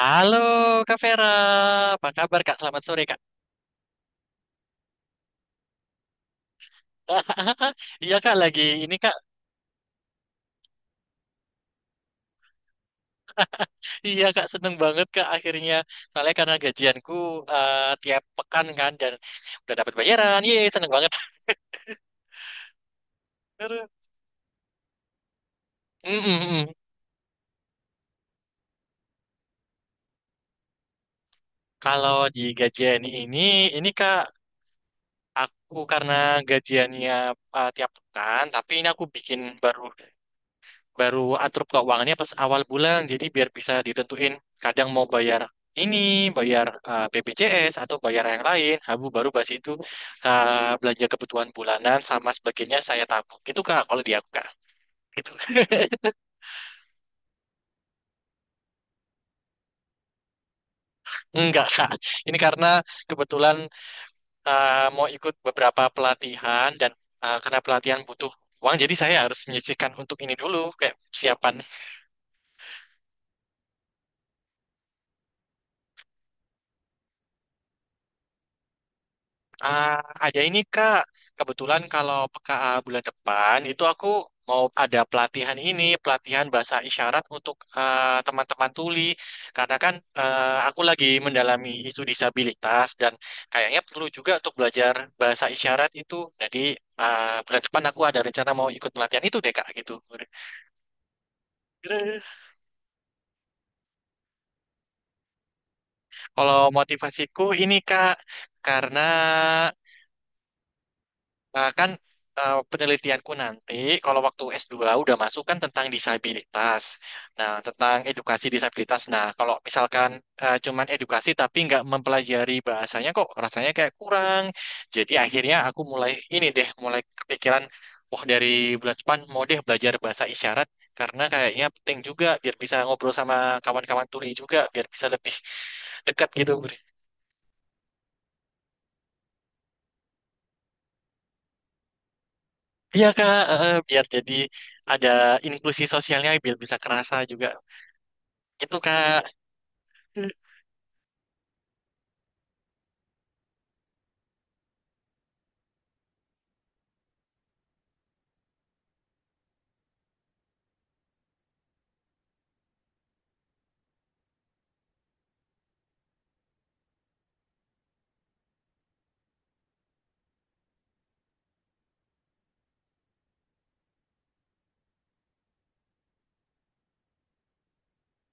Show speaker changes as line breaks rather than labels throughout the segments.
Halo Kak Vera, apa kabar Kak? Selamat sore Kak. Iya Kak, lagi ini Kak. Iya Kak, seneng banget Kak akhirnya. Soalnya karena gajianku tiap pekan kan dan udah dapat bayaran. Yeay, seneng banget. Aduh. Mm, mm, mm. Kalau di gajian ini Kak, aku karena gajiannya tiap pekan, tapi ini aku bikin baru baru atur keuangannya pas awal bulan jadi biar bisa ditentuin kadang mau bayar ini, bayar BPJS atau bayar yang lain habu baru bas itu belanja kebutuhan bulanan sama sebagainya saya tabung. Itu Kak kalau di aku Kak, gitu. Enggak Kak, ini karena kebetulan mau ikut beberapa pelatihan dan karena pelatihan butuh uang jadi saya harus menyisihkan untuk ini dulu kayak persiapan. Ah, ada ini Kak. Kebetulan kalau peka bulan depan itu aku mau ada pelatihan ini, pelatihan bahasa isyarat untuk teman-teman tuli. Karena kan aku lagi mendalami isu disabilitas dan kayaknya perlu juga untuk belajar bahasa isyarat itu. Jadi bulan depan aku ada rencana mau ikut pelatihan itu deh Kak, gitu. Kalau motivasiku ini Kak, karena nah kan penelitianku nanti kalau waktu S2 udah masuk kan tentang disabilitas. Nah, tentang edukasi disabilitas. Nah, kalau misalkan cuman edukasi tapi nggak mempelajari bahasanya kok rasanya kayak kurang. Jadi akhirnya aku mulai ini deh, mulai kepikiran, wah dari bulan depan mau deh belajar bahasa isyarat karena kayaknya penting juga biar bisa ngobrol sama kawan-kawan tuli juga biar bisa lebih dekat gitu. Iya Kak, biar jadi ada inklusi sosialnya biar bisa kerasa juga. Itu Kak.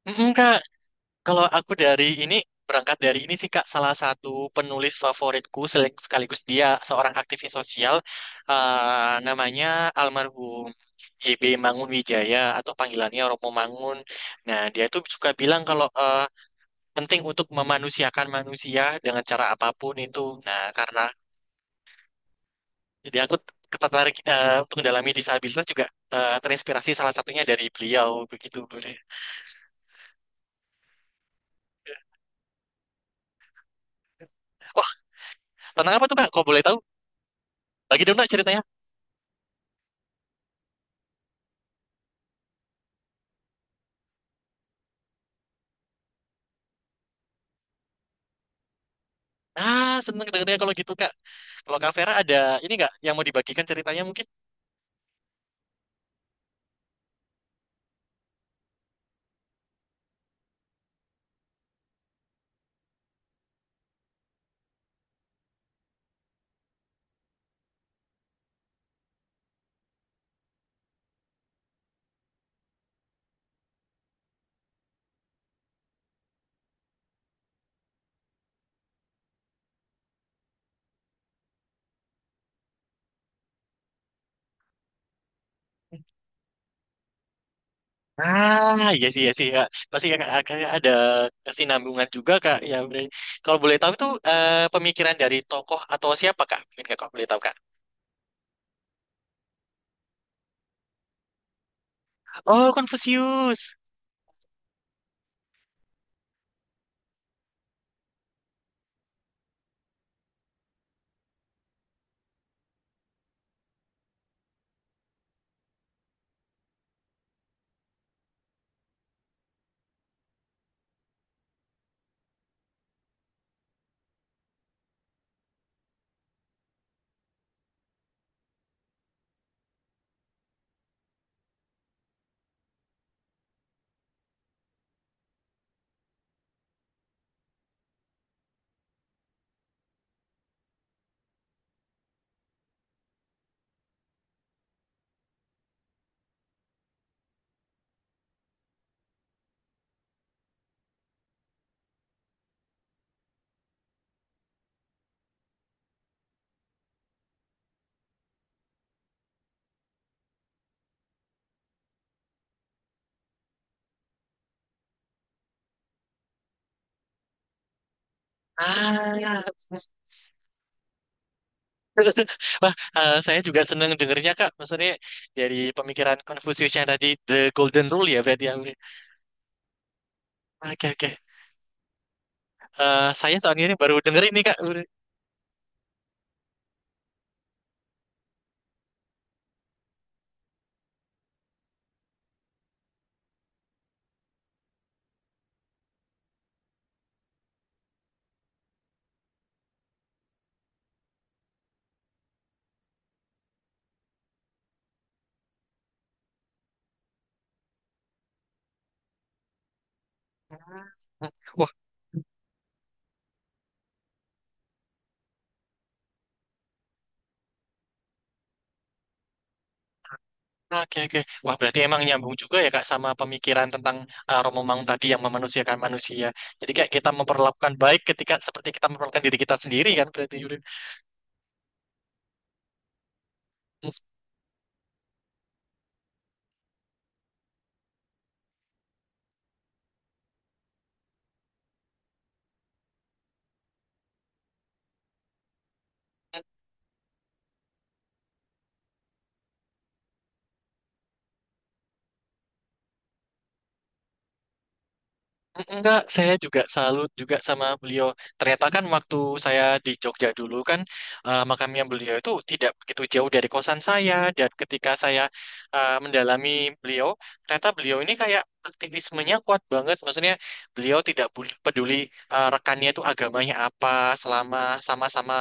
Mm-mm, Kak, kalau aku dari ini, berangkat dari ini sih Kak, salah satu penulis favoritku sekaligus dia seorang aktivis sosial, namanya almarhum HB Mangun Wijaya atau panggilannya Romo Mangun. Nah, dia itu suka bilang kalau penting untuk memanusiakan manusia dengan cara apapun itu. Nah, karena jadi aku tertarik untuk mendalami disabilitas juga, terinspirasi salah satunya dari beliau begitu. Wah, tentang apa tuh Kak? Kok boleh tahu? Lagi dong nak ceritanya. Ah, seneng dengarnya kalau gitu Kak. Kalau Kak Vera ada ini nggak yang mau dibagikan ceritanya mungkin? Ah, iya sih, iya sih Kak. Pasti Kak akhirnya ada kesinambungan juga Kak. Ya, bener. Kalau boleh tahu itu pemikiran dari tokoh atau siapa Kak? Mungkin Kakak boleh tahu Kak. Oh, Confucius. Ah, wah, saya juga seneng dengernya Kak. Maksudnya dari pemikiran Confucius yang tadi The Golden Rule ya berarti ya. Oke, oke. Saya soalnya ini baru dengerin nih Kak. Oke, oke. Wah, berarti emang nyambung juga ya Kak, sama pemikiran tentang Romo Mangun tadi yang memanusiakan manusia. Jadi kayak kita memperlakukan baik ketika seperti kita memperlakukan diri kita sendiri kan, berarti Yurin. Enggak, saya juga salut juga sama beliau. Ternyata kan waktu saya di Jogja dulu kan, makamnya beliau itu tidak begitu jauh dari kosan saya dan ketika saya mendalami beliau, ternyata beliau ini kayak aktivismenya kuat banget. Maksudnya beliau tidak peduli rekannya itu agamanya apa, selama sama-sama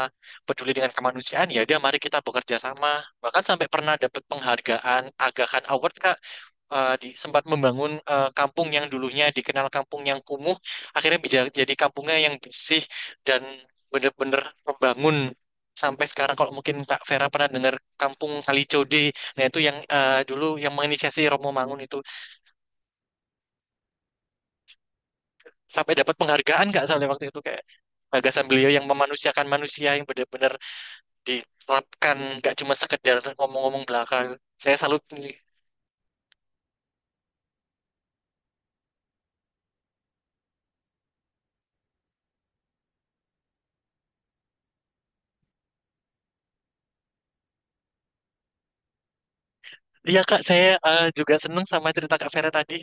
peduli dengan kemanusiaan ya udah mari kita bekerja sama. Bahkan sampai pernah dapat penghargaan Aga Khan Award Kak, sempat membangun kampung yang dulunya dikenal kampung yang kumuh, akhirnya bisa jadi kampungnya yang bersih dan bener-bener membangun sampai sekarang. Kalau mungkin Kak Vera pernah dengar kampung Kalicode, nah itu yang dulu yang menginisiasi Romo Mangun itu sampai dapat penghargaan Kak soalnya waktu itu kayak gagasan beliau yang memanusiakan manusia yang benar-benar diterapkan, nggak cuma sekedar ngomong-ngomong belakang. Saya salut nih. Iya Kak, saya juga seneng sama cerita Kak Vera tadi.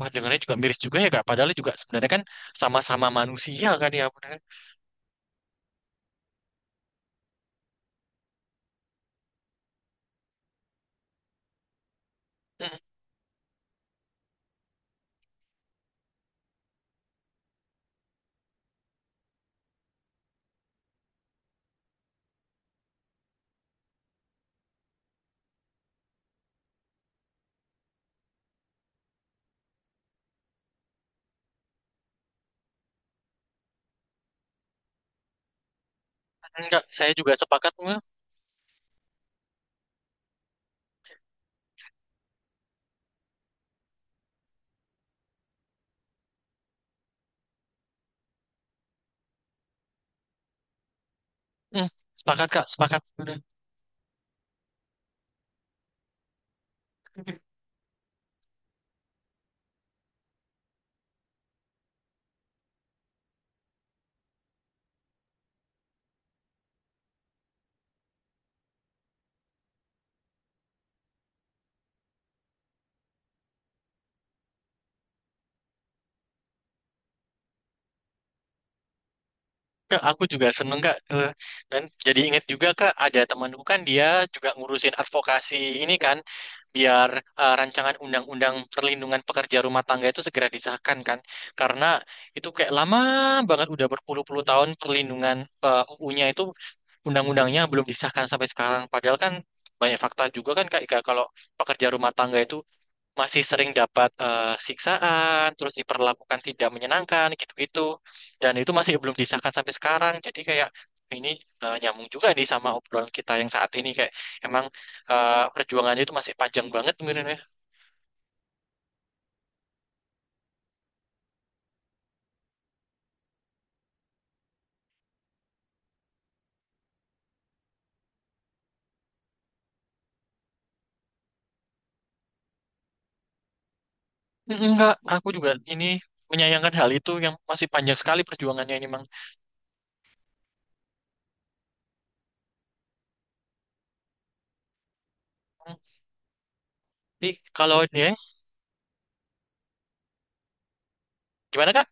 Wah, dengarnya juga miris juga ya Kak. Padahal juga sebenarnya kan sama-sama manusia kan ya, bener kan? Mm. Enggak, saya juga sepakat. Mm, mm, sepakat Kak. Sepakat. Kak, aku juga seneng Kak. Eh, dan jadi inget juga Kak, ada temanku kan dia juga ngurusin advokasi ini kan biar rancangan undang-undang perlindungan pekerja rumah tangga itu segera disahkan kan karena itu kayak lama banget udah berpuluh-puluh tahun perlindungan UU-nya itu, undang-undangnya belum disahkan sampai sekarang padahal kan banyak fakta juga kan kak Ika, kalau pekerja rumah tangga itu masih sering dapat siksaan, terus diperlakukan tidak menyenangkan gitu-gitu. Dan itu masih belum disahkan sampai sekarang. Jadi kayak ini nyambung juga nih sama obrolan kita yang saat ini kayak emang perjuangannya itu masih panjang banget mungkin ya. Mm. Enggak, aku juga ini menyayangkan hal itu yang masih panjang sekali perjuangannya ini, Mang. Tapi kalau ini ya, gimana Kak?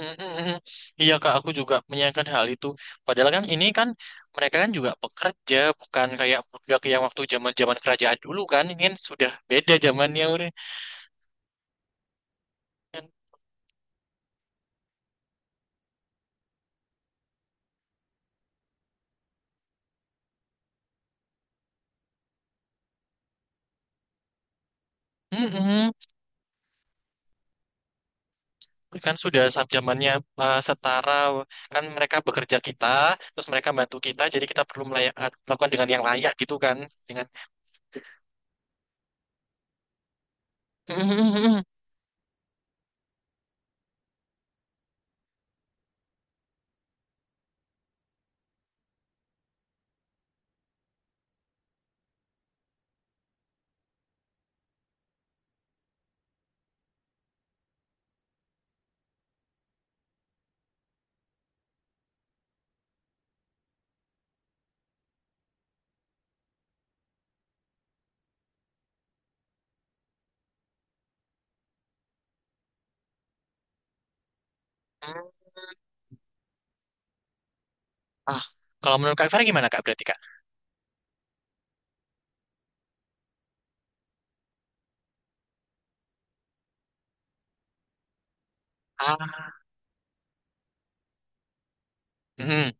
Mm-mm. Iya kak, aku juga menyayangkan hal itu. Padahal kan ini kan mereka kan juga pekerja, bukan kayak budak yang waktu zaman-zaman kerajaan dulu kan. Ini kan sudah beda zamannya udah. Kan, mm-mm. Kan sudah saat zamannya setara. Kan mereka bekerja kita, terus mereka bantu kita. Jadi kita perlu melayak, melakukan dengan yang layak gitu kan. Dengan mm-mm. Ah, kalau menurut kak Fira gimana kak berarti kak? Ah, mm-mm.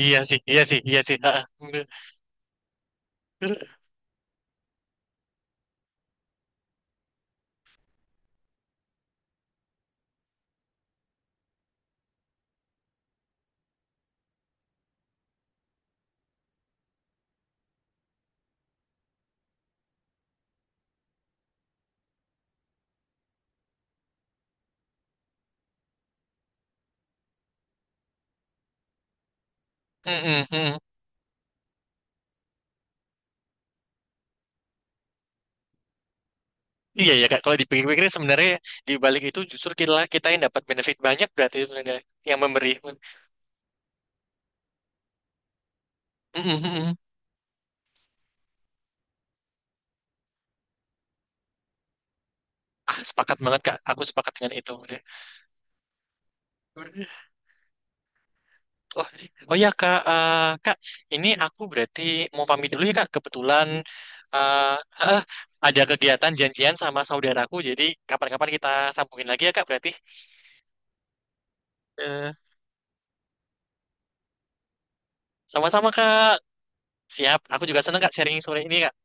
Iya sih, iya sih, iya sih. Ah, bener. Mm-mm. Iya ya kak, kalau dipikir-pikir sebenarnya di balik itu justru kita kita yang dapat benefit banyak berarti sebenarnya yang memberi. Mm, mm, mm. Ah, sepakat banget kak, aku sepakat dengan itu. Oh, oh ya kak, eh, kak, ini aku berarti mau pamit dulu ya kak. Kebetulan eh, eh, ada kegiatan janjian sama saudaraku, jadi kapan-kapan kita sambungin lagi ya kak berarti. Eh, sama-sama kak, siap. Aku juga senang kak sharing sore ini kak.